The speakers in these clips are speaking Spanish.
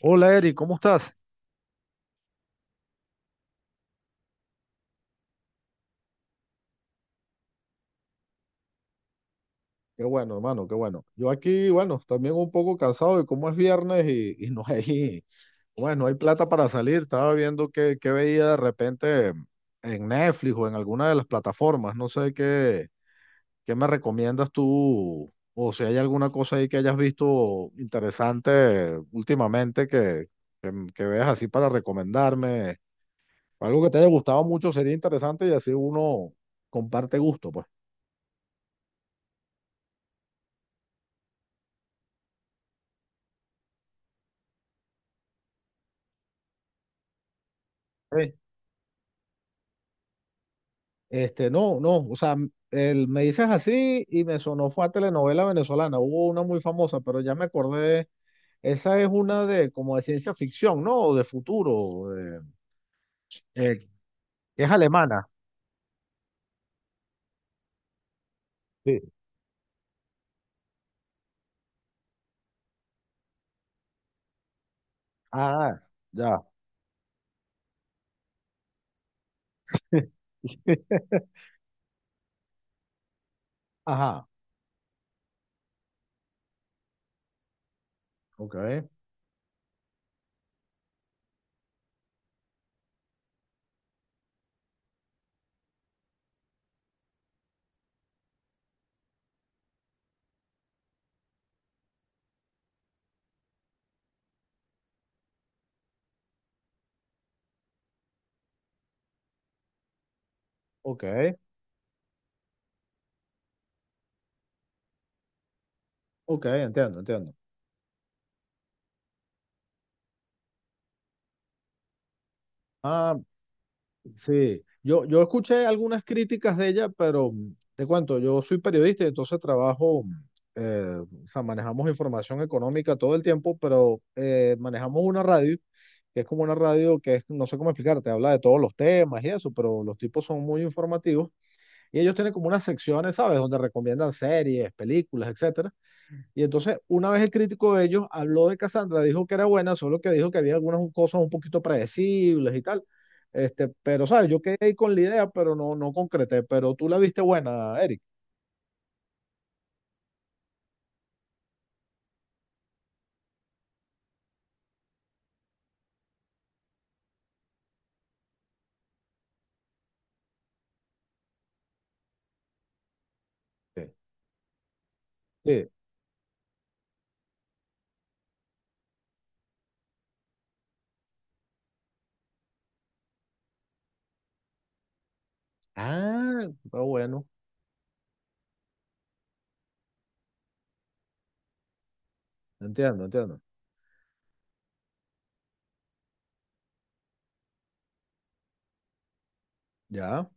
Hola Eri, ¿cómo estás? Qué bueno, hermano, qué bueno. Yo aquí, bueno, también un poco cansado y como es viernes y no hay, bueno, no hay plata para salir. Estaba viendo qué veía de repente en Netflix o en alguna de las plataformas. No sé qué me recomiendas tú o si hay alguna cosa ahí que hayas visto interesante últimamente que veas así para recomendarme. Algo que te haya gustado mucho sería interesante y así uno comparte gusto, pues. Este, no, no, o sea, me dices así y me sonó fue a telenovela venezolana. Hubo una muy famosa, pero ya me acordé. Esa es una de como de ciencia ficción, ¿no? O de futuro. Eh, es alemana. Sí. Ah, ya. Ajá. Ok, ok, ok, entiendo, entiendo. Ah, sí, yo escuché algunas críticas de ella, pero te cuento, yo soy periodista y entonces trabajo, eh, o sea, manejamos información económica todo el tiempo, pero manejamos una radio, que es como una radio que es, no sé cómo explicarte, habla de todos los temas y eso, pero los tipos son muy informativos y ellos tienen como unas secciones, ¿sabes? Donde recomiendan series, películas, etcétera. Y entonces, una vez el crítico de ellos habló de Cassandra, dijo que era buena, solo que dijo que había algunas cosas un poquito predecibles y tal. Este, pero, ¿sabes? Yo quedé ahí con la idea, pero no, no concreté. Pero tú la viste buena, Eric. Sí. Sí. Ah, está bueno. Entiendo, entiendo. Ya,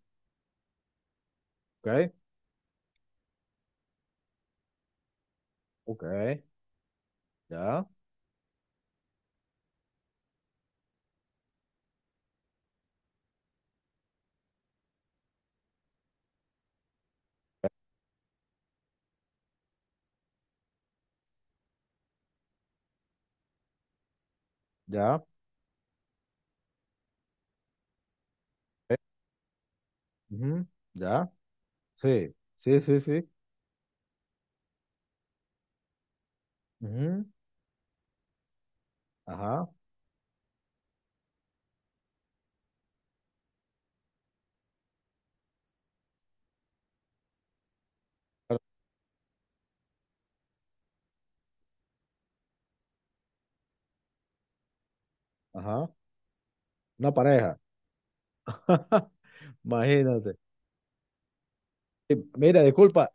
ok, ok, ya, ya, ujú, ya. Sí, sí, sí, sí. Ujú, ajá, pero- ajá. Una pareja. Imagínate. Mira, disculpa,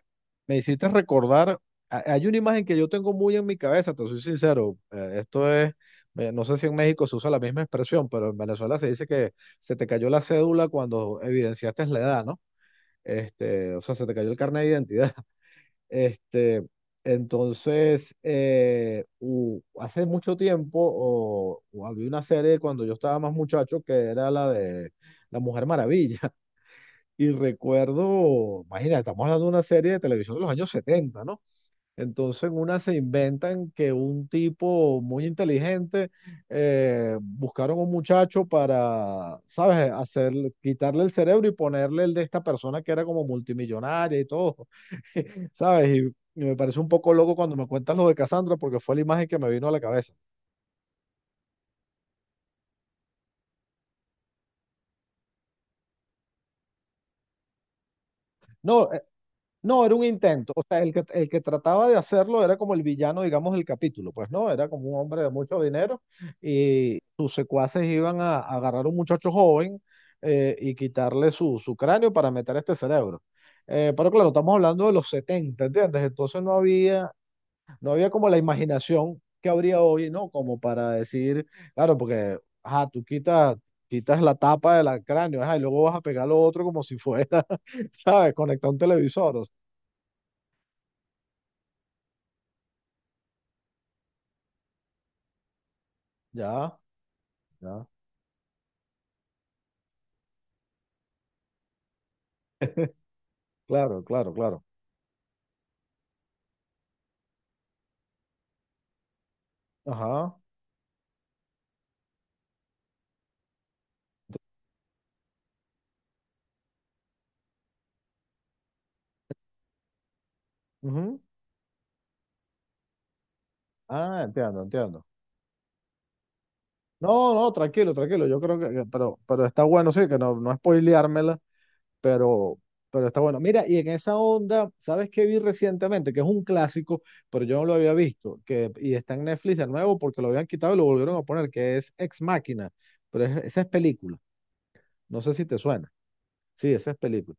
me hiciste recordar, hay una imagen que yo tengo muy en mi cabeza, te soy sincero, esto es, no sé si en México se usa la misma expresión, pero en Venezuela se dice que se te cayó la cédula cuando evidenciaste la edad, ¿no? Este, o sea, se te cayó el carnet de identidad. Este, entonces, hace mucho tiempo o había una serie cuando yo estaba más muchacho que era la de La Mujer Maravilla. Y recuerdo, imagina, estamos hablando de una serie de televisión de los años 70, ¿no? Entonces en una se inventan que un tipo muy inteligente, buscaron un muchacho para, ¿sabes? Hacer, quitarle el cerebro y ponerle el de esta persona que era como multimillonaria y todo, ¿sabes? Y me parece un poco loco cuando me cuentas lo de Cassandra porque fue la imagen que me vino a la cabeza. No, no, era un intento. O sea, el que trataba de hacerlo era como el villano, digamos, del capítulo. Pues no, era como un hombre de mucho dinero y sus secuaces iban a agarrar a un muchacho joven, y quitarle su, cráneo para meter este cerebro. Pero claro, estamos hablando de los 70, ¿entiendes? Entonces no había como la imaginación que habría hoy, ¿no? Como para decir, claro, porque, ajá, tú quitas la tapa del cráneo, ajá, y luego vas a pegar lo otro como si fuera, ¿sabes? Conectar un televisor. O Ya, ya. Claro, claro, claro. Ajá. Ent- Ujú. Ah, entiendo, entiendo. No, no, tranquilo, tranquilo. Yo creo pero está bueno, sí, que no, no spoileármela, pero, pero está bueno. Mira, y en esa onda, ¿sabes qué vi recientemente? Que es un clásico, pero yo no lo había visto, y está en Netflix de nuevo porque lo habían quitado y lo volvieron a poner, que es Ex Máquina, pero esa es película. No sé si te suena. Sí, esa es película.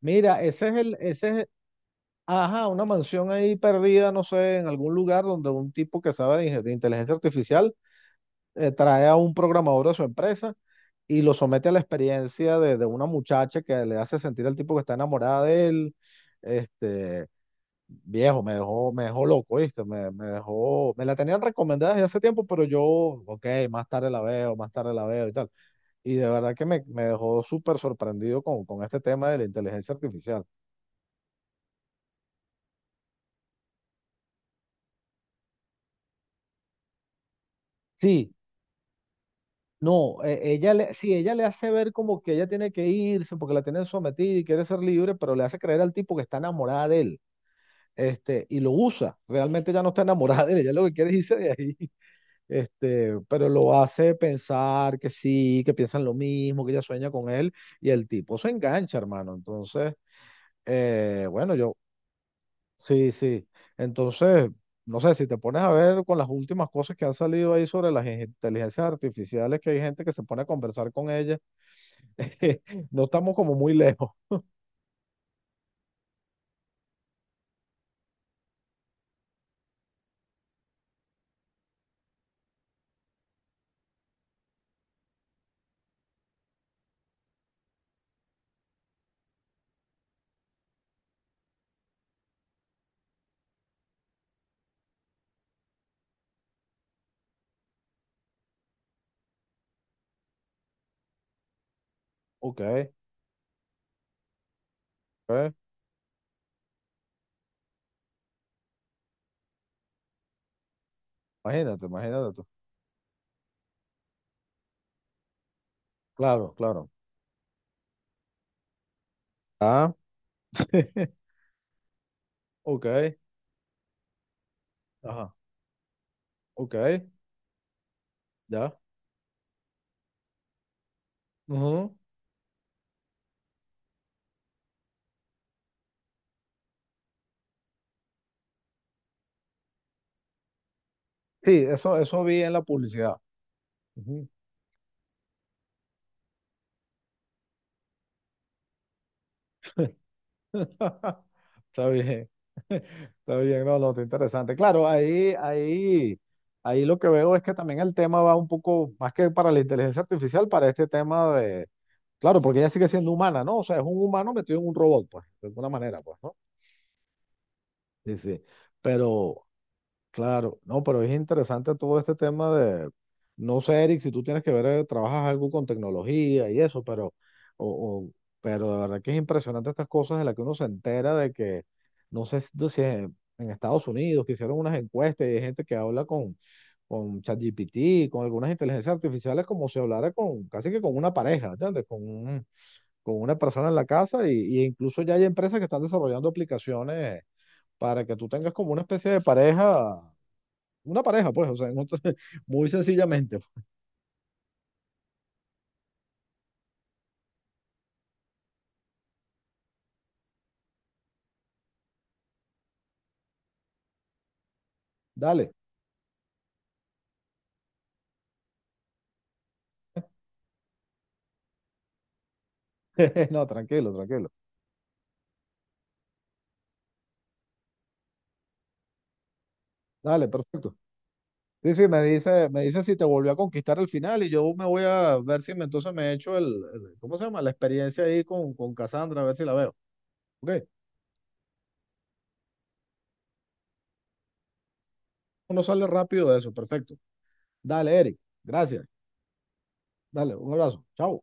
Mira, ese es el, ese es, ajá, una mansión ahí perdida, no sé, en algún lugar donde un tipo que sabe de inteligencia artificial, trae a un programador de su empresa y lo somete a la experiencia de una muchacha que le hace sentir al tipo que está enamorada de él. Este, viejo, me dejó loco, ¿viste? Me dejó, me la tenían recomendada desde hace tiempo, pero yo, ok, más tarde la veo, más tarde la veo y tal. Y de verdad que me dejó súper sorprendido con este tema de la inteligencia artificial. Sí, no, sí, ella le hace ver como que ella tiene que irse porque la tienen sometida y quiere ser libre, pero le hace creer al tipo que está enamorada de él, este, y lo usa. Realmente ella no está enamorada de él, ella lo que quiere es irse de ahí, este, pero lo hace pensar que sí, que piensan lo mismo, que ella sueña con él, y el tipo se engancha, hermano. Entonces, bueno, sí, sí. Entonces, no sé, si te pones a ver con las últimas cosas que han salido ahí sobre las inteligencias artificiales, que hay gente que se pone a conversar con ella. No estamos como muy lejos. Ok, ok. Imagínate, imagínate tú. Claro, claro. Ah, ok. Ajá. Ok, ya. Ujú. Sí, eso vi en la publicidad. Ujú. Está bien. Está bien, no, no, está interesante. Claro, ahí lo que veo es que también el tema va un poco más que para la inteligencia artificial, para este tema de, claro, porque ella sigue siendo humana, ¿no? O sea, es un humano metido en un robot, pues, de alguna manera, pues, ¿no? Sí, sí. Pero, Claro, no, pero es interesante todo este tema de, no sé, Eric, si tú tienes que ver, trabajas algo con tecnología y eso, o, o- pero de verdad que es impresionante estas cosas de las que uno se entera de que, no sé si en Estados Unidos que hicieron unas encuestas y hay gente que habla con ChatGPT, con algunas inteligencias artificiales, como si hablara con, casi que con una pareja, ¿entiendes? Con una persona en la casa y incluso ya hay empresas que están desarrollando aplicaciones para que tú tengas como una especie de pareja, una pareja, pues, o sea, muy sencillamente. Dale. No, tranquilo, tranquilo. Dale, perfecto. Sí, sí, me dice si te volvió a conquistar el final y yo me voy a ver si me, entonces me he hecho ¿cómo se llama? La experiencia ahí con Cassandra, a ver si la veo. Ok, uno sale rápido de eso, perfecto. Dale, Eric, gracias. Dale, un abrazo. Chao.